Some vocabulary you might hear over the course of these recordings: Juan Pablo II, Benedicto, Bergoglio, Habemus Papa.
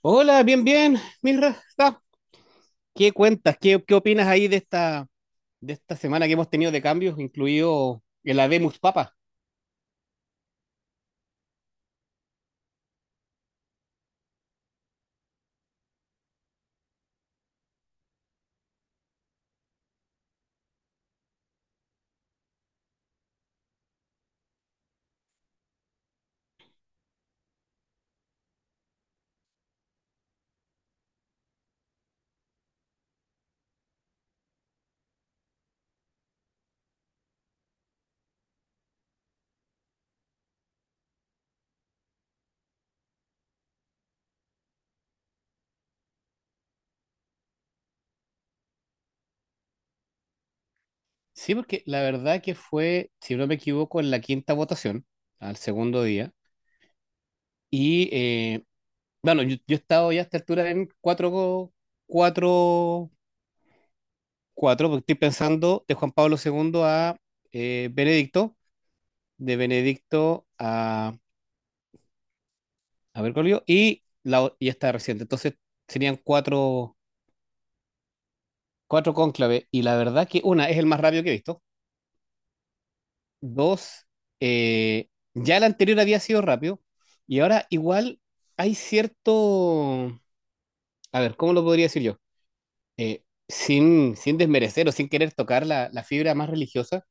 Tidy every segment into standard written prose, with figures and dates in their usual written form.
Hola, bien, bien, Mirra. ¿Qué cuentas? ¿Qué opinas ahí de esta semana que hemos tenido de cambios, incluido el Habemus Papa. Sí, porque la verdad que fue, si no me equivoco, en la quinta votación, al segundo día. Y eh, yo he estado ya a esta altura en cuatro, cuatro, porque estoy pensando de Juan Pablo II a Benedicto, de Benedicto a Bergoglio, y, y esta reciente. Entonces serían cuatro cuatro cónclaves, y la verdad que una, es el más rápido que he visto. Dos, ya el anterior había sido rápido, y ahora igual hay cierto, a ver, ¿cómo lo podría decir yo? Sin desmerecer o sin querer tocar la fibra más religiosa,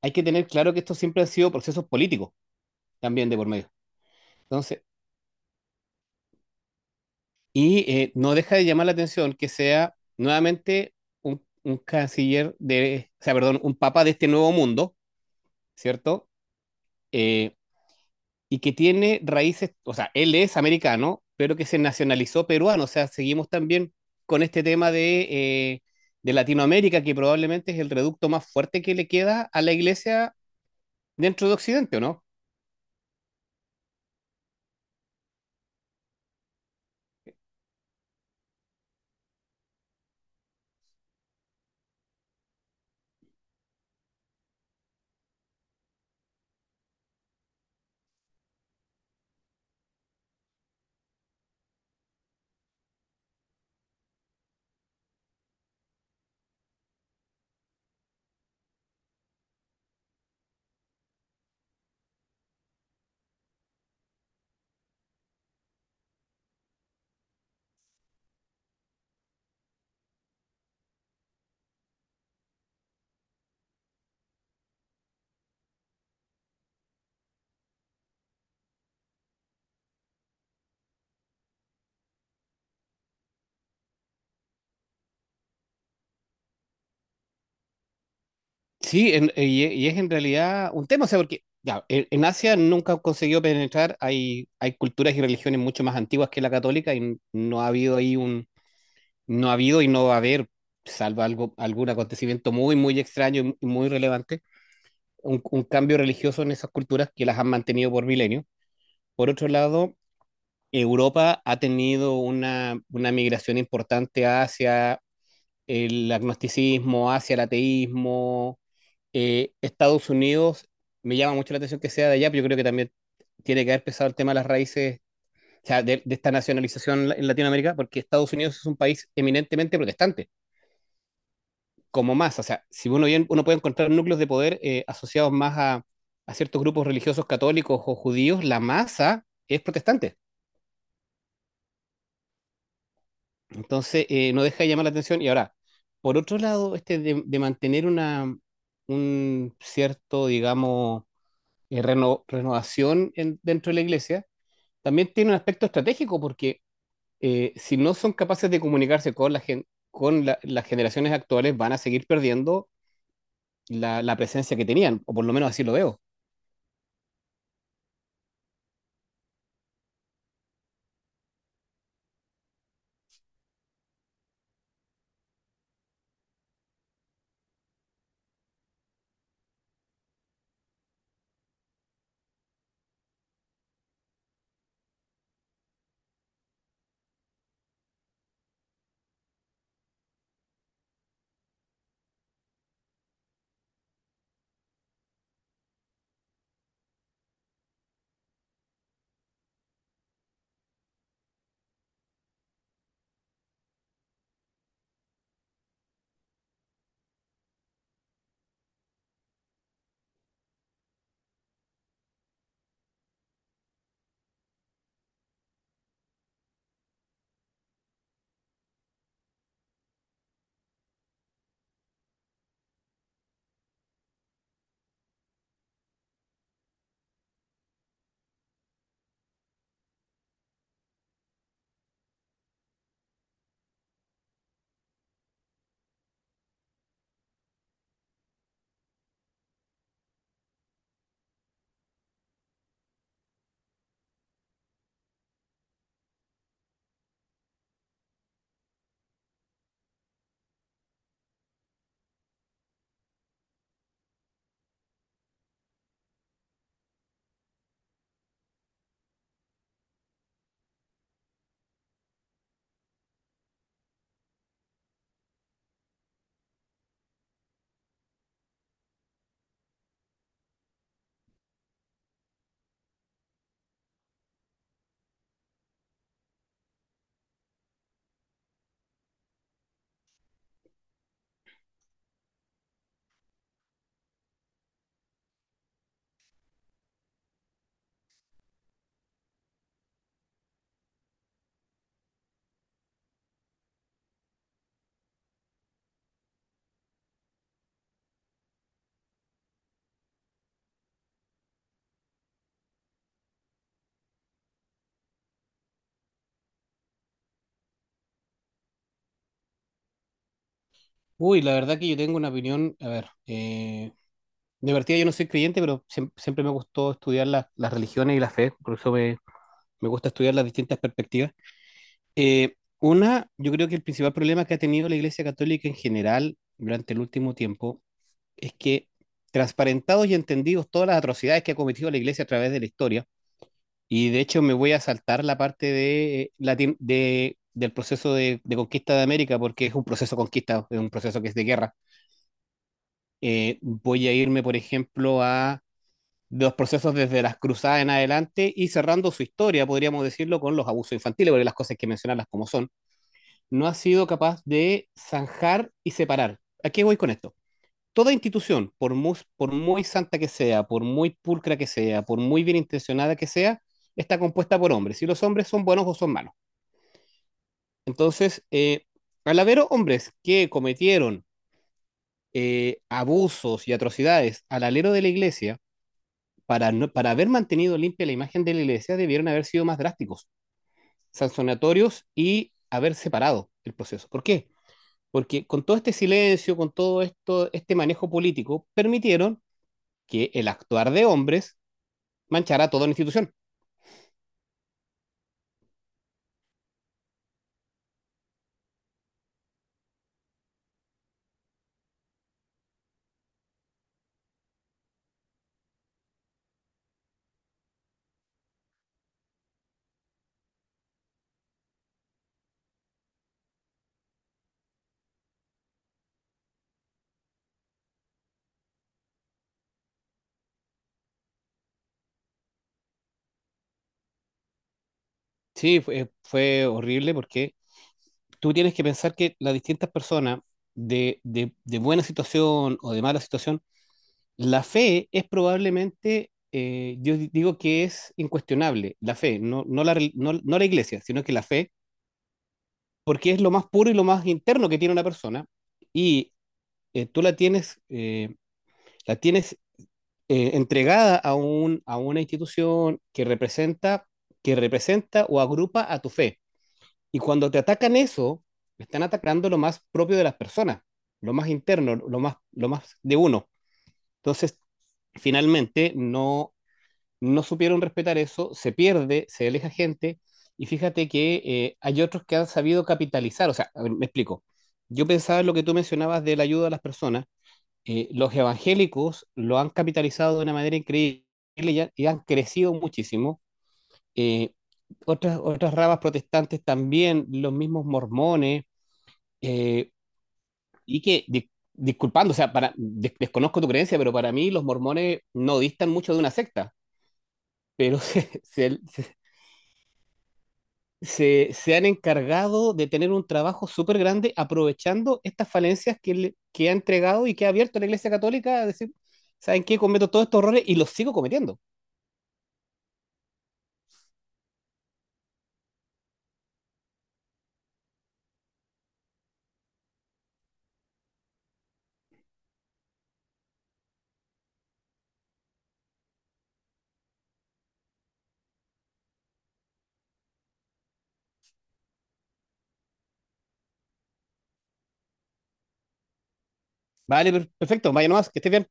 hay que tener claro que esto siempre han sido procesos políticos también de por medio. Entonces, no deja de llamar la atención que sea nuevamente un canciller de, o sea, perdón, un papa de este nuevo mundo, ¿cierto? Eh, y que tiene raíces, o sea, él es americano, pero que se nacionalizó peruano, o sea, seguimos también con este tema eh, de Latinoamérica, que probablemente es el reducto más fuerte que le queda a la iglesia dentro de Occidente, ¿o no? Sí, y es en realidad un tema, o sea, porque ya, en Asia nunca consiguió penetrar, hay culturas y religiones mucho más antiguas que la católica y no ha habido ahí un, no ha habido y no va a haber, salvo algo, algún acontecimiento muy, muy extraño y muy relevante un cambio religioso en esas culturas que las han mantenido por milenios. Por otro lado, Europa ha tenido una migración importante hacia el agnosticismo, hacia el ateísmo. Estados Unidos, me llama mucho la atención que sea de allá, pero yo creo que también tiene que haber pesado el tema de las raíces, o sea, de esta nacionalización en Latinoamérica, porque Estados Unidos es un país eminentemente protestante. Como más. O sea, si uno, bien, uno puede encontrar núcleos de poder asociados más a ciertos grupos religiosos católicos o judíos, la masa es protestante. Entonces, no deja de llamar la atención. Y ahora, por otro lado, este de mantener una, un cierto, digamos, renovación dentro de la iglesia, también tiene un aspecto estratégico porque si no son capaces de comunicarse con, la gen- con la- las generaciones actuales, van a seguir perdiendo la presencia que tenían, o por lo menos así lo veo. Uy, la verdad que yo tengo una opinión, a ver, de partida yo no soy creyente, pero siempre me gustó estudiar las religiones y la fe, por eso me gusta estudiar las distintas perspectivas. Yo creo que el principal problema que ha tenido la Iglesia Católica en general durante el último tiempo es que transparentados y entendidos todas las atrocidades que ha cometido la Iglesia a través de la historia, y de hecho me voy a saltar la parte de, del proceso de conquista de América, porque es un proceso de conquista, es un proceso que es de guerra. Voy a irme, por ejemplo, a de los procesos desde las cruzadas en adelante y cerrando su historia, podríamos decirlo, con los abusos infantiles, porque las cosas hay que mencionarlas como son, no ha sido capaz de zanjar y separar. ¿A qué voy con esto? Toda institución, por muy santa que sea, por muy pulcra que sea, por muy bien intencionada que sea, está compuesta por hombres. Y los hombres son buenos o son malos. Entonces, al haber hombres que cometieron abusos y atrocidades al alero de la iglesia, para, no- para haber mantenido limpia la imagen de la iglesia, debieron haber sido más drásticos, sancionatorios y haber separado el proceso. ¿Por qué? Porque con todo este silencio, con todo esto, este manejo político, permitieron que el actuar de hombres manchara toda la institución. Sí, fue horrible porque tú tienes que pensar que las distintas personas de, de buena situación o de mala situación. La fe es probablemente, digo que es incuestionable, la fe, no la iglesia, sino que la fe, porque es lo más puro y lo más interno que tiene una persona, y eh, tú la tienes, eh, la tienes entregada a un, a una institución que representa o agrupa a tu fe. Y cuando te atacan eso, están atacando lo más propio de las personas, lo más interno, lo más de uno. Entonces, finalmente no supieron respetar eso, se pierde, se aleja gente, y fíjate que hay otros que han sabido capitalizar, o sea, a ver, me explico, yo pensaba en lo que tú mencionabas de la ayuda a las personas, los evangélicos lo han capitalizado de una manera increíble y, y han crecido muchísimo, eh, otras, otras ramas protestantes también, los mismos mormones, eh, y que, disculpando, o sea, desconozco tu creencia, pero para mí los mormones no distan mucho de una secta, pero se, se- se han encargado de tener un trabajo súper grande aprovechando estas falencias que, que ha entregado y que ha abierto la Iglesia Católica a decir, ¿saben qué? Cometo todos estos errores y los sigo cometiendo. Vale, perfecto, vaya nomás, que estés bien.